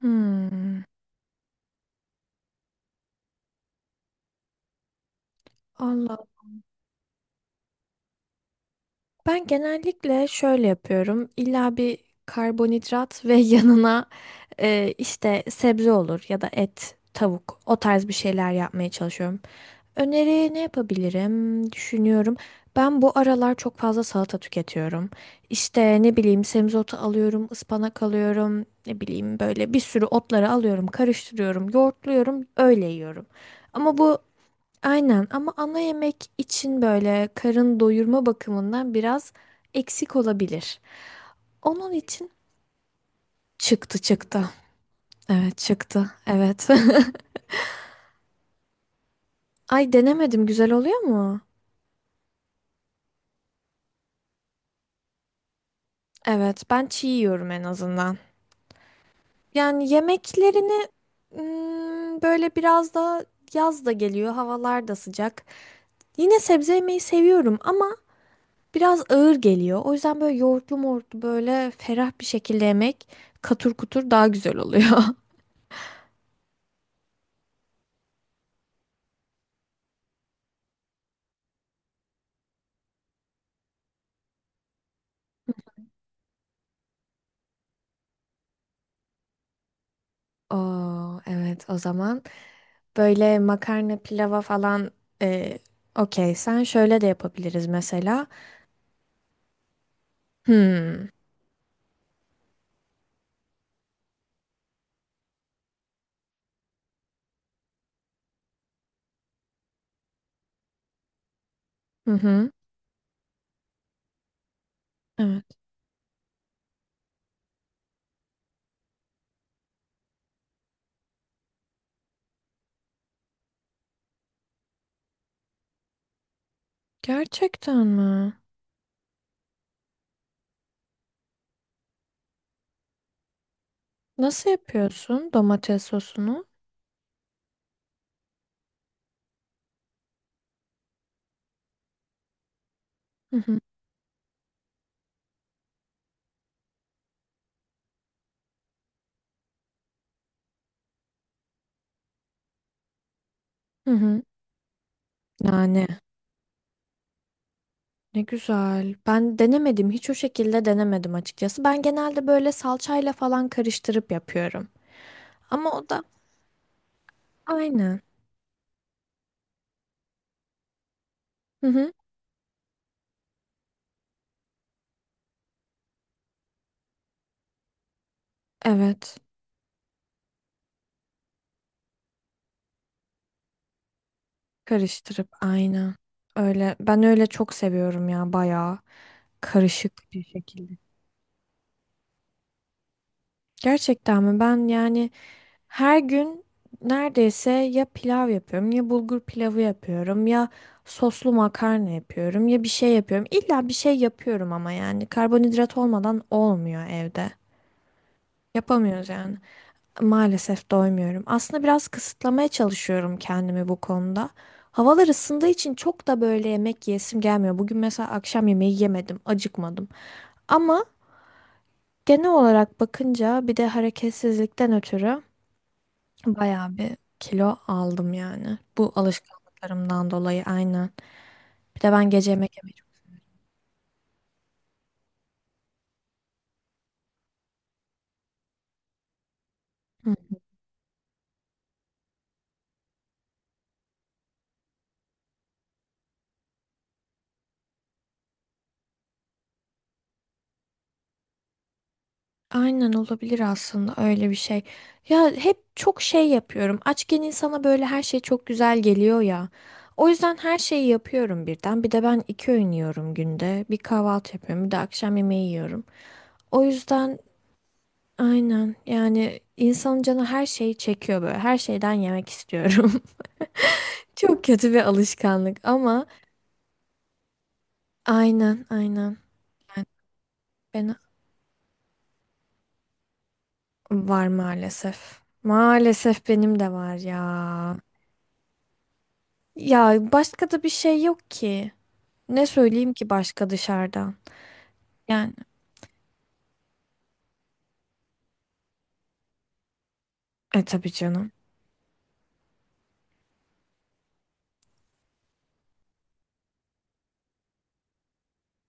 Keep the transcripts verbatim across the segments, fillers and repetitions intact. Hmm, Allah. Ben genellikle şöyle yapıyorum. İlla bir karbonhidrat ve yanına e, işte sebze olur ya da et, tavuk o tarz bir şeyler yapmaya çalışıyorum. Öneri ne yapabilirim? Düşünüyorum. Ben bu aralar çok fazla salata tüketiyorum. İşte ne bileyim semizotu alıyorum, ıspanak alıyorum, ne bileyim böyle bir sürü otları alıyorum, karıştırıyorum, yoğurtluyorum, öyle yiyorum. Ama bu Aynen ama ana yemek için böyle karın doyurma bakımından biraz eksik olabilir. Onun için çıktı çıktı. Evet çıktı. Evet. Ay denemedim, güzel oluyor mu? Evet, ben çiğ yiyorum en azından. Yani yemeklerini hmm, böyle biraz da yaz da geliyor, havalar da sıcak. Yine sebze yemeyi seviyorum ama biraz ağır geliyor. O yüzden böyle yoğurtlu mortlu böyle ferah bir şekilde yemek, katur kutur, daha güzel oluyor. Oo, evet, o zaman böyle makarna pilava falan, e, okey, sen şöyle de yapabiliriz mesela. Hmm. Hı hı. Evet. Gerçekten mi? Nasıl yapıyorsun domates sosunu? Hı hı. Hı hı. Nane. Ne güzel. Ben denemedim. Hiç o şekilde denemedim açıkçası. Ben genelde böyle salçayla falan karıştırıp yapıyorum. Ama o da aynı. Hı hı. Evet. Karıştırıp, aynen. Öyle, ben öyle çok seviyorum ya, bayağı karışık bir şekilde. Gerçekten mi? Ben yani her gün neredeyse ya pilav yapıyorum, ya bulgur pilavı yapıyorum, ya soslu makarna yapıyorum, ya bir şey yapıyorum. İlla bir şey yapıyorum ama yani karbonhidrat olmadan olmuyor evde. Yapamıyoruz yani. Maalesef doymuyorum. Aslında biraz kısıtlamaya çalışıyorum kendimi bu konuda. Havalar ısındığı için çok da böyle yemek yesim gelmiyor. Bugün mesela akşam yemeği yemedim, acıkmadım. Ama genel olarak bakınca bir de hareketsizlikten ötürü bayağı bir kilo aldım yani. Bu alışkanlıklarımdan dolayı, aynen. Bir de ben gece yemek yemedim. Aynen, olabilir aslında öyle bir şey. Ya hep çok şey yapıyorum. Açken insana böyle her şey çok güzel geliyor ya. O yüzden her şeyi yapıyorum birden. Bir de ben iki öğün yiyorum günde. Bir kahvaltı yapıyorum, bir de akşam yemeği yiyorum. O yüzden aynen yani insanın canı her şeyi çekiyor böyle. Her şeyden yemek istiyorum. Çok kötü bir alışkanlık ama aynen, aynen. Ben var maalesef. Maalesef benim de var ya. Ya başka da bir şey yok ki. Ne söyleyeyim ki başka dışarıdan? Yani e tabii canım.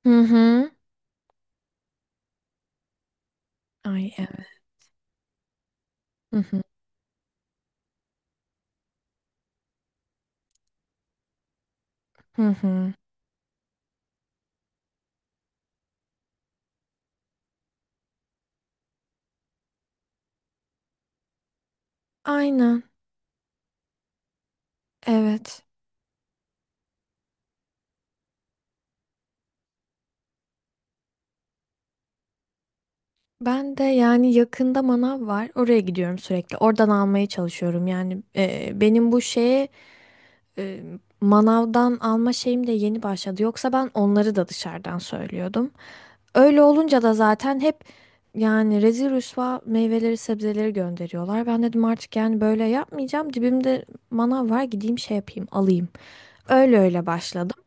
Hı hı. Ay evet. Hı hı. Hı hı. Aynen. Evet. Ben de yani yakında manav var. Oraya gidiyorum sürekli. Oradan almaya çalışıyorum. Yani e, benim bu şeye, e, manavdan alma şeyim de yeni başladı. Yoksa ben onları da dışarıdan söylüyordum. Öyle olunca da zaten hep yani rezil rüsva meyveleri sebzeleri gönderiyorlar. Ben dedim artık yani böyle yapmayacağım. Dibimde manav var, gideyim şey yapayım alayım. Öyle öyle başladım.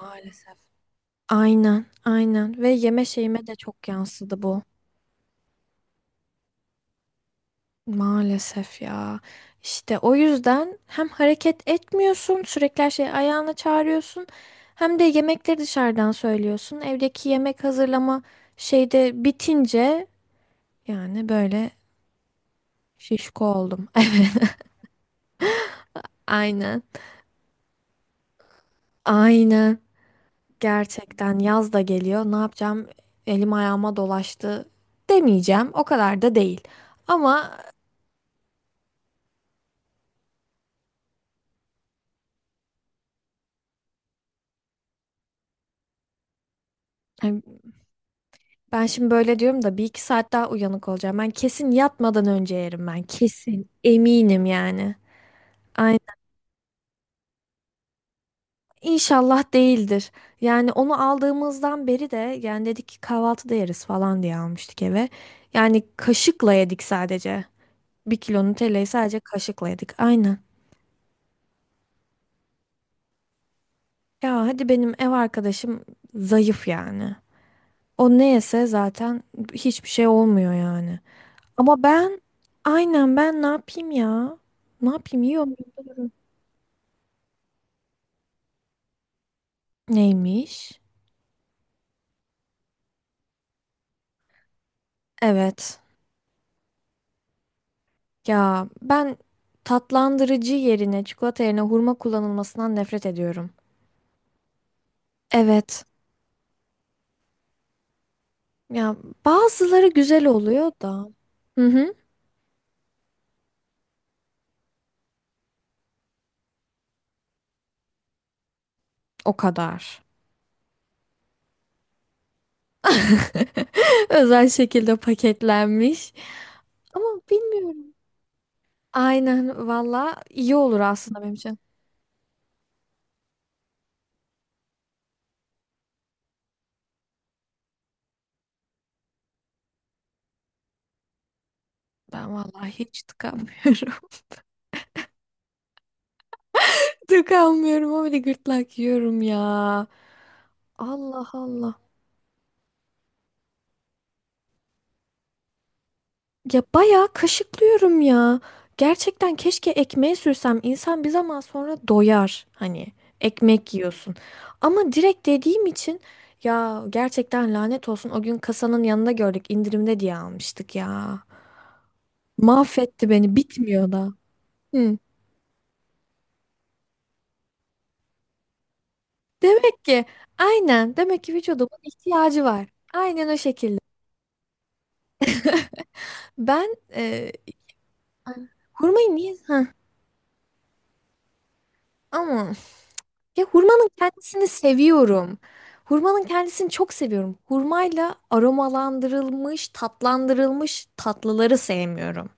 Maalesef. Aynen, aynen ve yeme şeyime de çok yansıdı bu. Maalesef ya. İşte o yüzden hem hareket etmiyorsun, sürekli her şeyi ayağına çağırıyorsun. Hem de yemekleri dışarıdan söylüyorsun. Evdeki yemek hazırlama şeyde bitince, yani böyle şişko oldum. Evet, aynen. Aynen. Gerçekten yaz da geliyor. Ne yapacağım? Elim ayağıma dolaştı demeyeceğim. O kadar da değil. Ama hani ben şimdi böyle diyorum da bir iki saat daha uyanık olacağım. Ben kesin yatmadan önce yerim ben. Kesin. Eminim yani. Aynen. İnşallah değildir. Yani onu aldığımızdan beri de, yani dedik ki kahvaltıda yeriz falan diye almıştık eve. Yani kaşıkla yedik sadece. Bir kilo Nutella'yı sadece kaşıkla yedik. Aynen. Ya hadi benim ev arkadaşım zayıf yani. O ne yese zaten hiçbir şey olmuyor yani. Ama ben, aynen, ben ne yapayım ya? Ne yapayım, yiyor muyum? Neymiş? Evet. Ya ben tatlandırıcı yerine, çikolata yerine hurma kullanılmasından nefret ediyorum. Evet. Ya bazıları güzel oluyor da. Hı hı. O kadar. Özel şekilde paketlenmiş. Ama bilmiyorum. Aynen, valla iyi olur aslında benim için. Ben vallahi hiç tıkanmıyorum. Tıkanmıyorum ama bir de gırtlak yiyorum ya. Allah Allah. Ya bayağı kaşıklıyorum ya. Gerçekten keşke ekmeğe sürsem. İnsan bir zaman sonra doyar. Hani ekmek yiyorsun. Ama direkt dediğim için ya gerçekten lanet olsun. O gün kasanın yanında gördük, indirimde diye almıştık ya. Mahvetti beni, bitmiyor da. Hı. Demek ki, aynen, demek ki vücudumun ihtiyacı var. Aynen o şekilde. Ben e, hurmayı niye, ha, ama ya hurmanın kendisini seviyorum. Hurmanın kendisini çok seviyorum. Hurmayla aromalandırılmış, tatlandırılmış tatlıları sevmiyorum.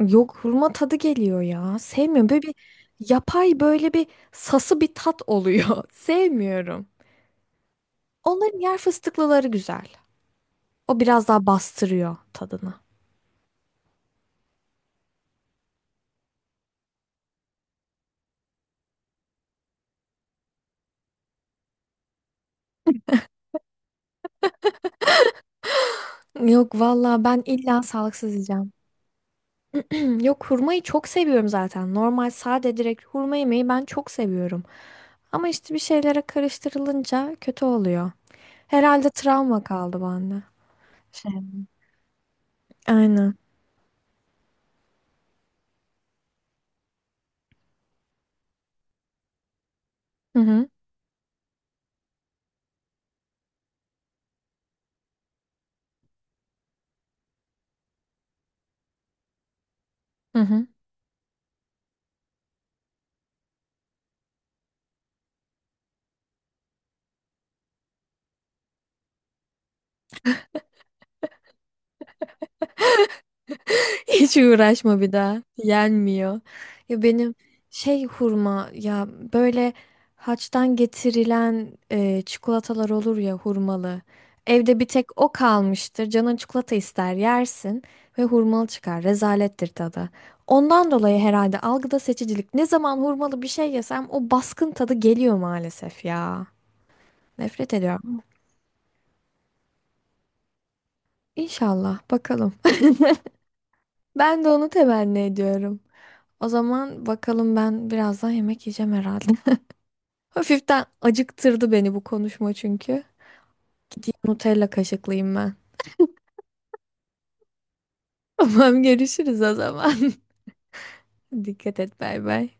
Yok, hurma tadı geliyor ya. Sevmiyorum. Böyle bir yapay, böyle bir sası bir tat oluyor. Sevmiyorum. Onların yer fıstıklıları güzel. O biraz daha bastırıyor tadını. Yok valla, ben illa sağlıksız yiyeceğim. Yok, hurmayı çok seviyorum zaten. Normal sade direkt hurma yemeği ben çok seviyorum. Ama işte bir şeylere karıştırılınca kötü oluyor. Herhalde travma kaldı bende. Şey. Aynen. Hı hı. Hı hı. Hiç uğraşma bir daha. Yenmiyor. Ya benim şey, hurma ya, böyle haçtan getirilen e, çikolatalar olur ya hurmalı. Evde bir tek o kalmıştır. Canın çikolata ister yersin ve hurmalı çıkar. Rezalettir tadı. Ondan dolayı herhalde algıda seçicilik. Ne zaman hurmalı bir şey yesem o baskın tadı geliyor maalesef ya. Nefret ediyorum. İnşallah bakalım. Ben de onu temenni ediyorum. O zaman bakalım, ben birazdan yemek yiyeceğim herhalde. Hafiften acıktırdı beni bu konuşma çünkü. Gideyim Nutella kaşıklayayım ben. Tamam, görüşürüz o zaman. Dikkat et, bay bay.